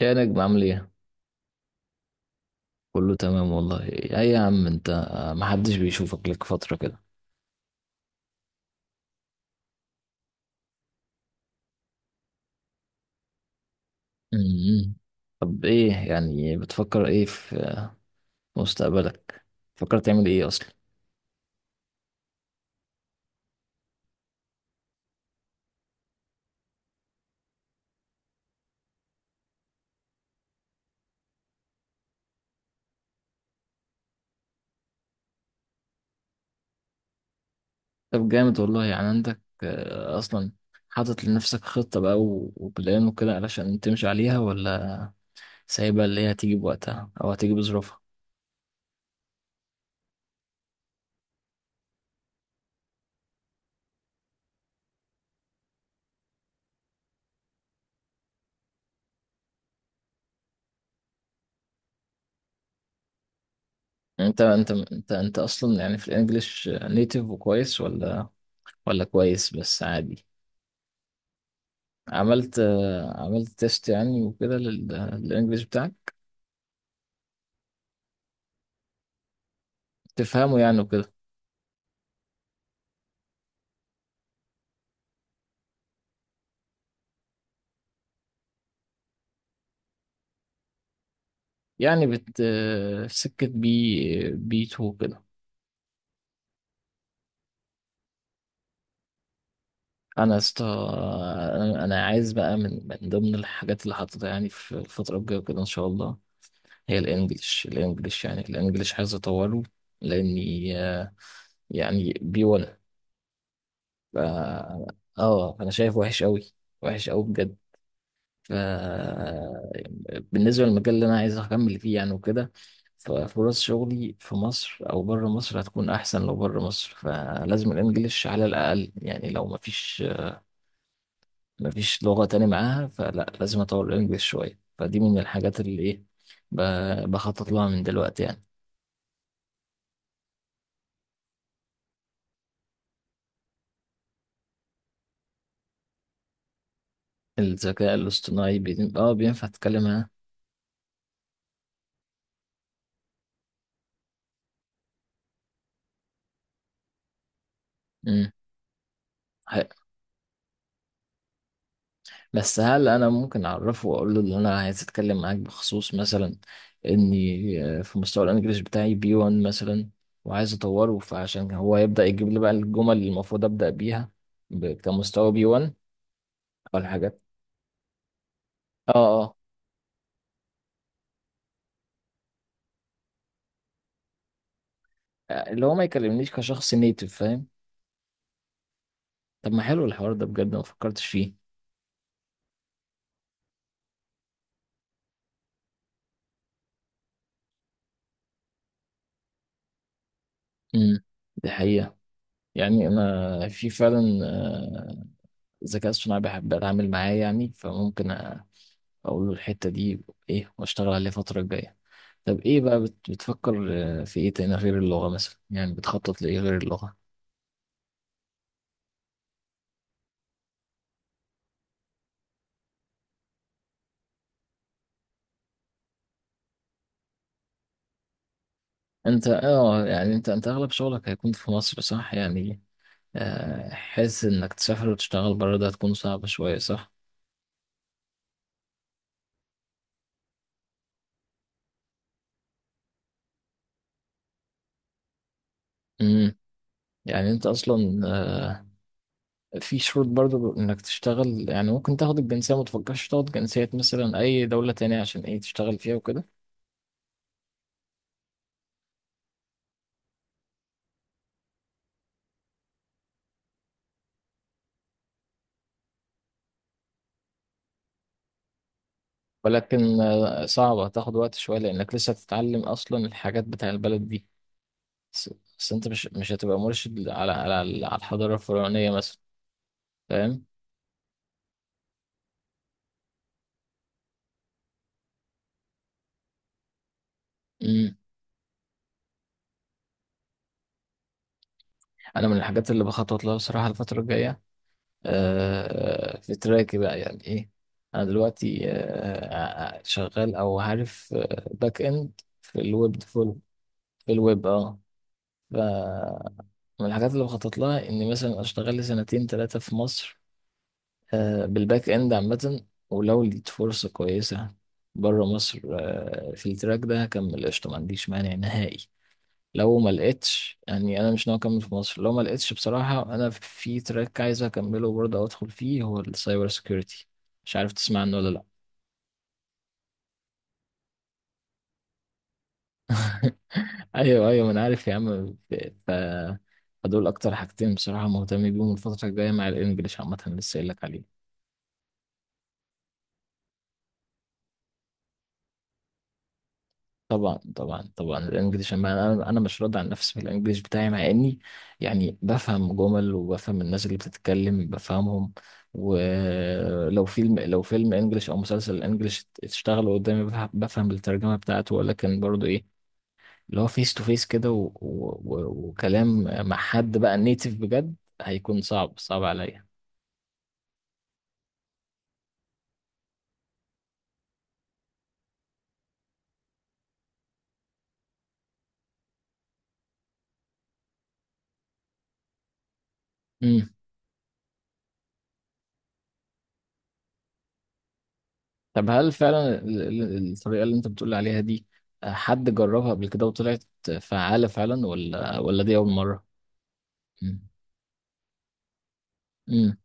يا نجم، عامل ايه؟ كله تمام والله. ايه يا عم انت، محدش بيشوفك، لك فترة كده. أمم. طب ايه يعني، بتفكر ايه في مستقبلك؟ بتفكر تعمل ايه اصلا؟ طب جامد والله. يعني عندك اصلا، حاطط لنفسك خطة بقى وبلان وكده علشان تمشي عليها، ولا سايبها اللي هي هتيجي بوقتها او هتيجي بظروفها؟ يعني انت اصلا، يعني في الانجليش نيتيف وكويس، ولا كويس بس عادي؟ عملت عملت تيست يعني وكده للانجليش بتاعك، تفهمه يعني وكده؟ يعني بت آه، سكة بي بي 2 كده. انا يا اسطى، أنا عايز بقى، من ضمن الحاجات اللي حاططها يعني في الفترة الجاية كده ان شاء الله، هي الانجليش يعني الانجليش عايز اطوره، لاني يعني بي 1. اه، انا شايف وحش قوي، وحش قوي بجد. آه، بالنسبة للمجال اللي أنا عايز أكمل فيه يعني وكده، ففرص شغلي في مصر أو بره مصر هتكون أحسن. لو بره مصر فلازم الإنجليش على الأقل، يعني لو مفيش لغة تاني معاها، فلا لازم أطور الإنجليش شوية، فدي من الحاجات اللي إيه، بخطط لها من دلوقتي يعني. الذكاء الاصطناعي، بي... آه بينفع تتكلم معاه. مم. بس هل انا ممكن اعرفه واقول له ان انا عايز اتكلم معاك بخصوص مثلا اني في مستوى الانجليش بتاعي بي 1 مثلا، وعايز اطوره، فعشان هو يبدا يجيب لي بقى الجمل اللي المفروض ابدا بيها كمستوى بي 1، او الحاجات. اه، اه. اللي هو ما يكلمنيش كشخص نيتف، فاهم؟ طب ما حلو الحوار ده بجد، ما فكرتش فيه. امم. دي حقيقة. يعني انا في فعلا آه، ذكاء اصطناعي بحب اتعامل معاه، يعني فممكن اقول له الحتة دي ايه، واشتغل عليها الفترة الجاية. طب ايه بقى، بتفكر في ايه تاني غير اللغة، مثلا؟ يعني بتخطط لايه غير اللغة؟ انت يعني انت اغلب شغلك هيكون في مصر صح يعني؟ حاسس انك تسافر وتشتغل بره ده هتكون صعبة شوية، صح؟ امم. يعني انت اصلا في شروط برضو انك تشتغل، يعني ممكن تاخد الجنسية. ما تفكرش تاخد جنسية مثلا اي دولة تانية عشان ايه تشتغل فيها وكده؟ ولكن صعبة، هتاخد وقت شوية، لأنك لسه هتتعلم أصلا الحاجات بتاع البلد دي. بس، أنت مش هتبقى مرشد على على على الحضارة الفرعونية مثلا، فاهم؟ مم. أنا من الحاجات اللي بخطط لها بصراحة الفترة الجاية، في تراكي بقى، يعني إيه. أنا دلوقتي شغال، أو عارف، باك إند في الويب فول، في الويب. ف- من الحاجات اللي بخطط لها إني مثلا أشتغل لي سنتين تلاتة في مصر بالباك اند عامة، ولو لقيت فرصة كويسة بره مصر في التراك ده هكمل، قشطة، ما عنديش مانع نهائي. لو ما لقيتش، يعني انا مش ناوي اكمل في مصر. لو ما لقيتش بصراحة، انا في تراك عايز اكمله برضه، او ادخل فيه، هو السايبر سيكيورتي، مش عارف تسمع عنه ولا لا. ايوه ايوه، ما انا عارف يا عم. فدول اكتر حاجتين بصراحة مهتم بيهم الفترة الجاية، مع الانجليش عامة لسه قايل لك عليهم. طبعا طبعا طبعا الانجليش، أما انا مش راضي عن نفسي في الانجليش بتاعي، مع اني يعني بفهم جمل، وبفهم الناس اللي بتتكلم بفهمهم. ولو فيلم، لو فيلم انجليش او مسلسل انجليش اشتغل قدامي، بفهم الترجمه بتاعته، ولكن برضو ايه، اللي هو فيس تو فيس كده، وكلام مع حد بقى نيتيف بجد، هيكون صعب صعب عليا. امم. طب هل فعلا الطريقة اللي انت بتقول عليها دي حد جربها قبل كده وطلعت فعالة فعلا، ولا دي أول مرة؟ مم. مم.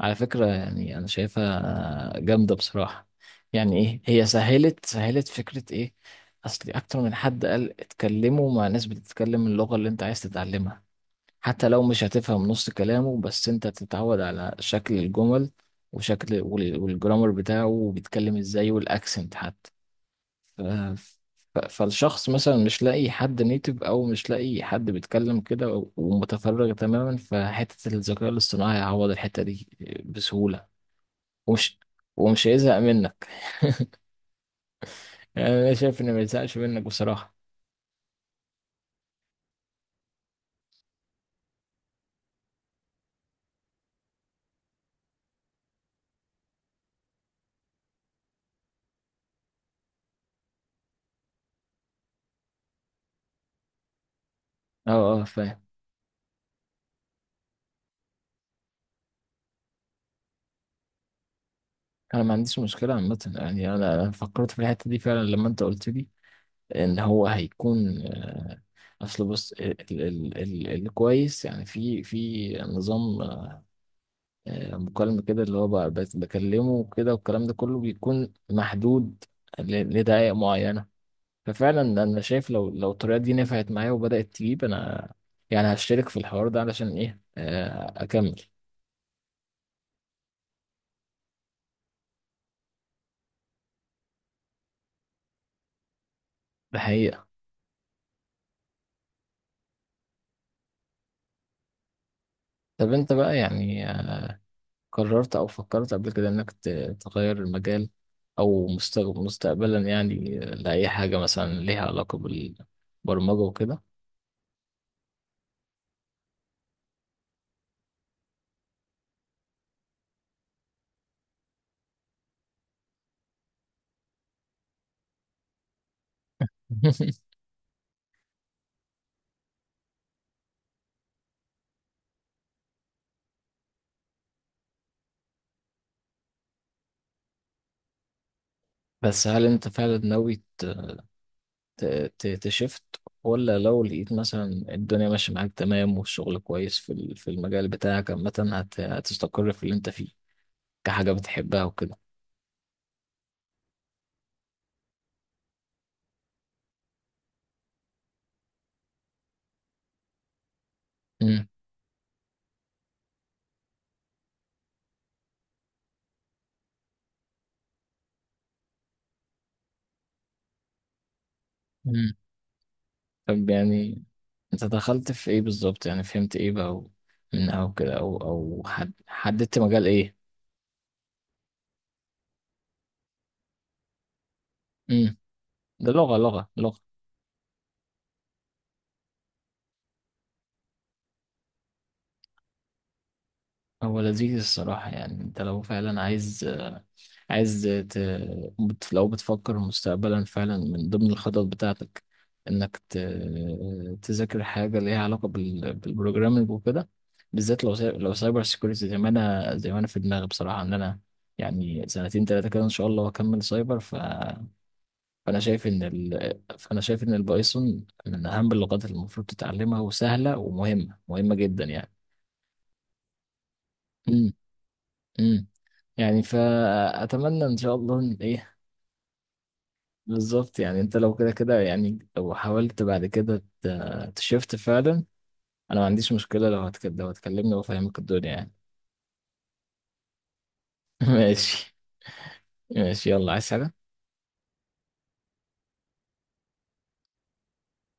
على فكرة، يعني أنا شايفها جامدة بصراحة، يعني إيه هي سهلت فكرة إيه. أصل أكتر من حد قال اتكلموا مع ناس بتتكلم اللغة اللي أنت عايز تتعلمها، حتى لو مش هتفهم نص كلامه، بس أنت تتعود على شكل الجمل وشكل والجرامر بتاعه، وبيتكلم إزاي، والأكسنت حتى. ف... فالشخص مثلا مش لاقي حد نيتف، او مش لاقي حد بيتكلم كده ومتفرغ تماما، فحتة الذكاء الاصطناعي هيعوض الحتة دي بسهولة. ومش ومش هيزهق منك. يعني انا شايف انه ما يزهقش منك بصراحة. اه اه، فاهم. انا ما عنديش مشكلة عامة، يعني أنا فكرت في الحتة دي فعلا لما انت قلت لي ان هو هيكون اصل، بص، ال ال ال الكويس يعني، في نظام مكالمة كده، اللي هو بقى بس بكلمه وكده، والكلام ده كله بيكون محدود لدقائق معينة. ففعلا أنا شايف، لو الطريقة دي نفعت معايا وبدأت تجيب، أنا يعني هشترك في الحوار ده علشان إيه، أكمل. بحقيقة. طب أنت بقى يعني قررت أو فكرت قبل كده إنك تغير المجال، أو مستقبلا يعني لأي حاجة مثلا ليها علاقة بالبرمجة وكده؟ بس هل أنت فعلا ناوي تشفت، ولا لو لقيت مثلا الدنيا ماشية معاك تمام، والشغل كويس في في المجال بتاعك عامة، هتستقر في اللي انت فيه كحاجة بتحبها وكده؟ مم. مم. طب يعني انت دخلت في ايه بالظبط؟ يعني فهمت ايه بقى من، او كده، او حد، حددت مجال ايه؟ مم. ده لغة لغة لغة. هو لذيذ الصراحة، يعني انت لو فعلا عايز، عايز ت... لو بتفكر مستقبلا فعلا من ضمن الخطط بتاعتك انك تذاكر حاجة ليها علاقة بالبروجرامينج وكده، بالذات لو لو سايبر سيكوريتي زي ما انا، في دماغي بصراحة ان انا يعني سنتين تلاتة كده ان شاء الله واكمل سايبر. فانا شايف ان، البايثون من اهم اللغات اللي المفروض تتعلمها، وسهلة، ومهمة مهمة جدا يعني. امم. امم. يعني فأتمنى إن شاء الله إن إيه. بالظبط، يعني أنت لو كده كده يعني، لو حاولت بعد كده تشفت فعلا، أنا ما عنديش مشكلة. لو هتكلمني وأفهمك الدنيا يعني. ماشي. ماشي يلا، عايز حاجة؟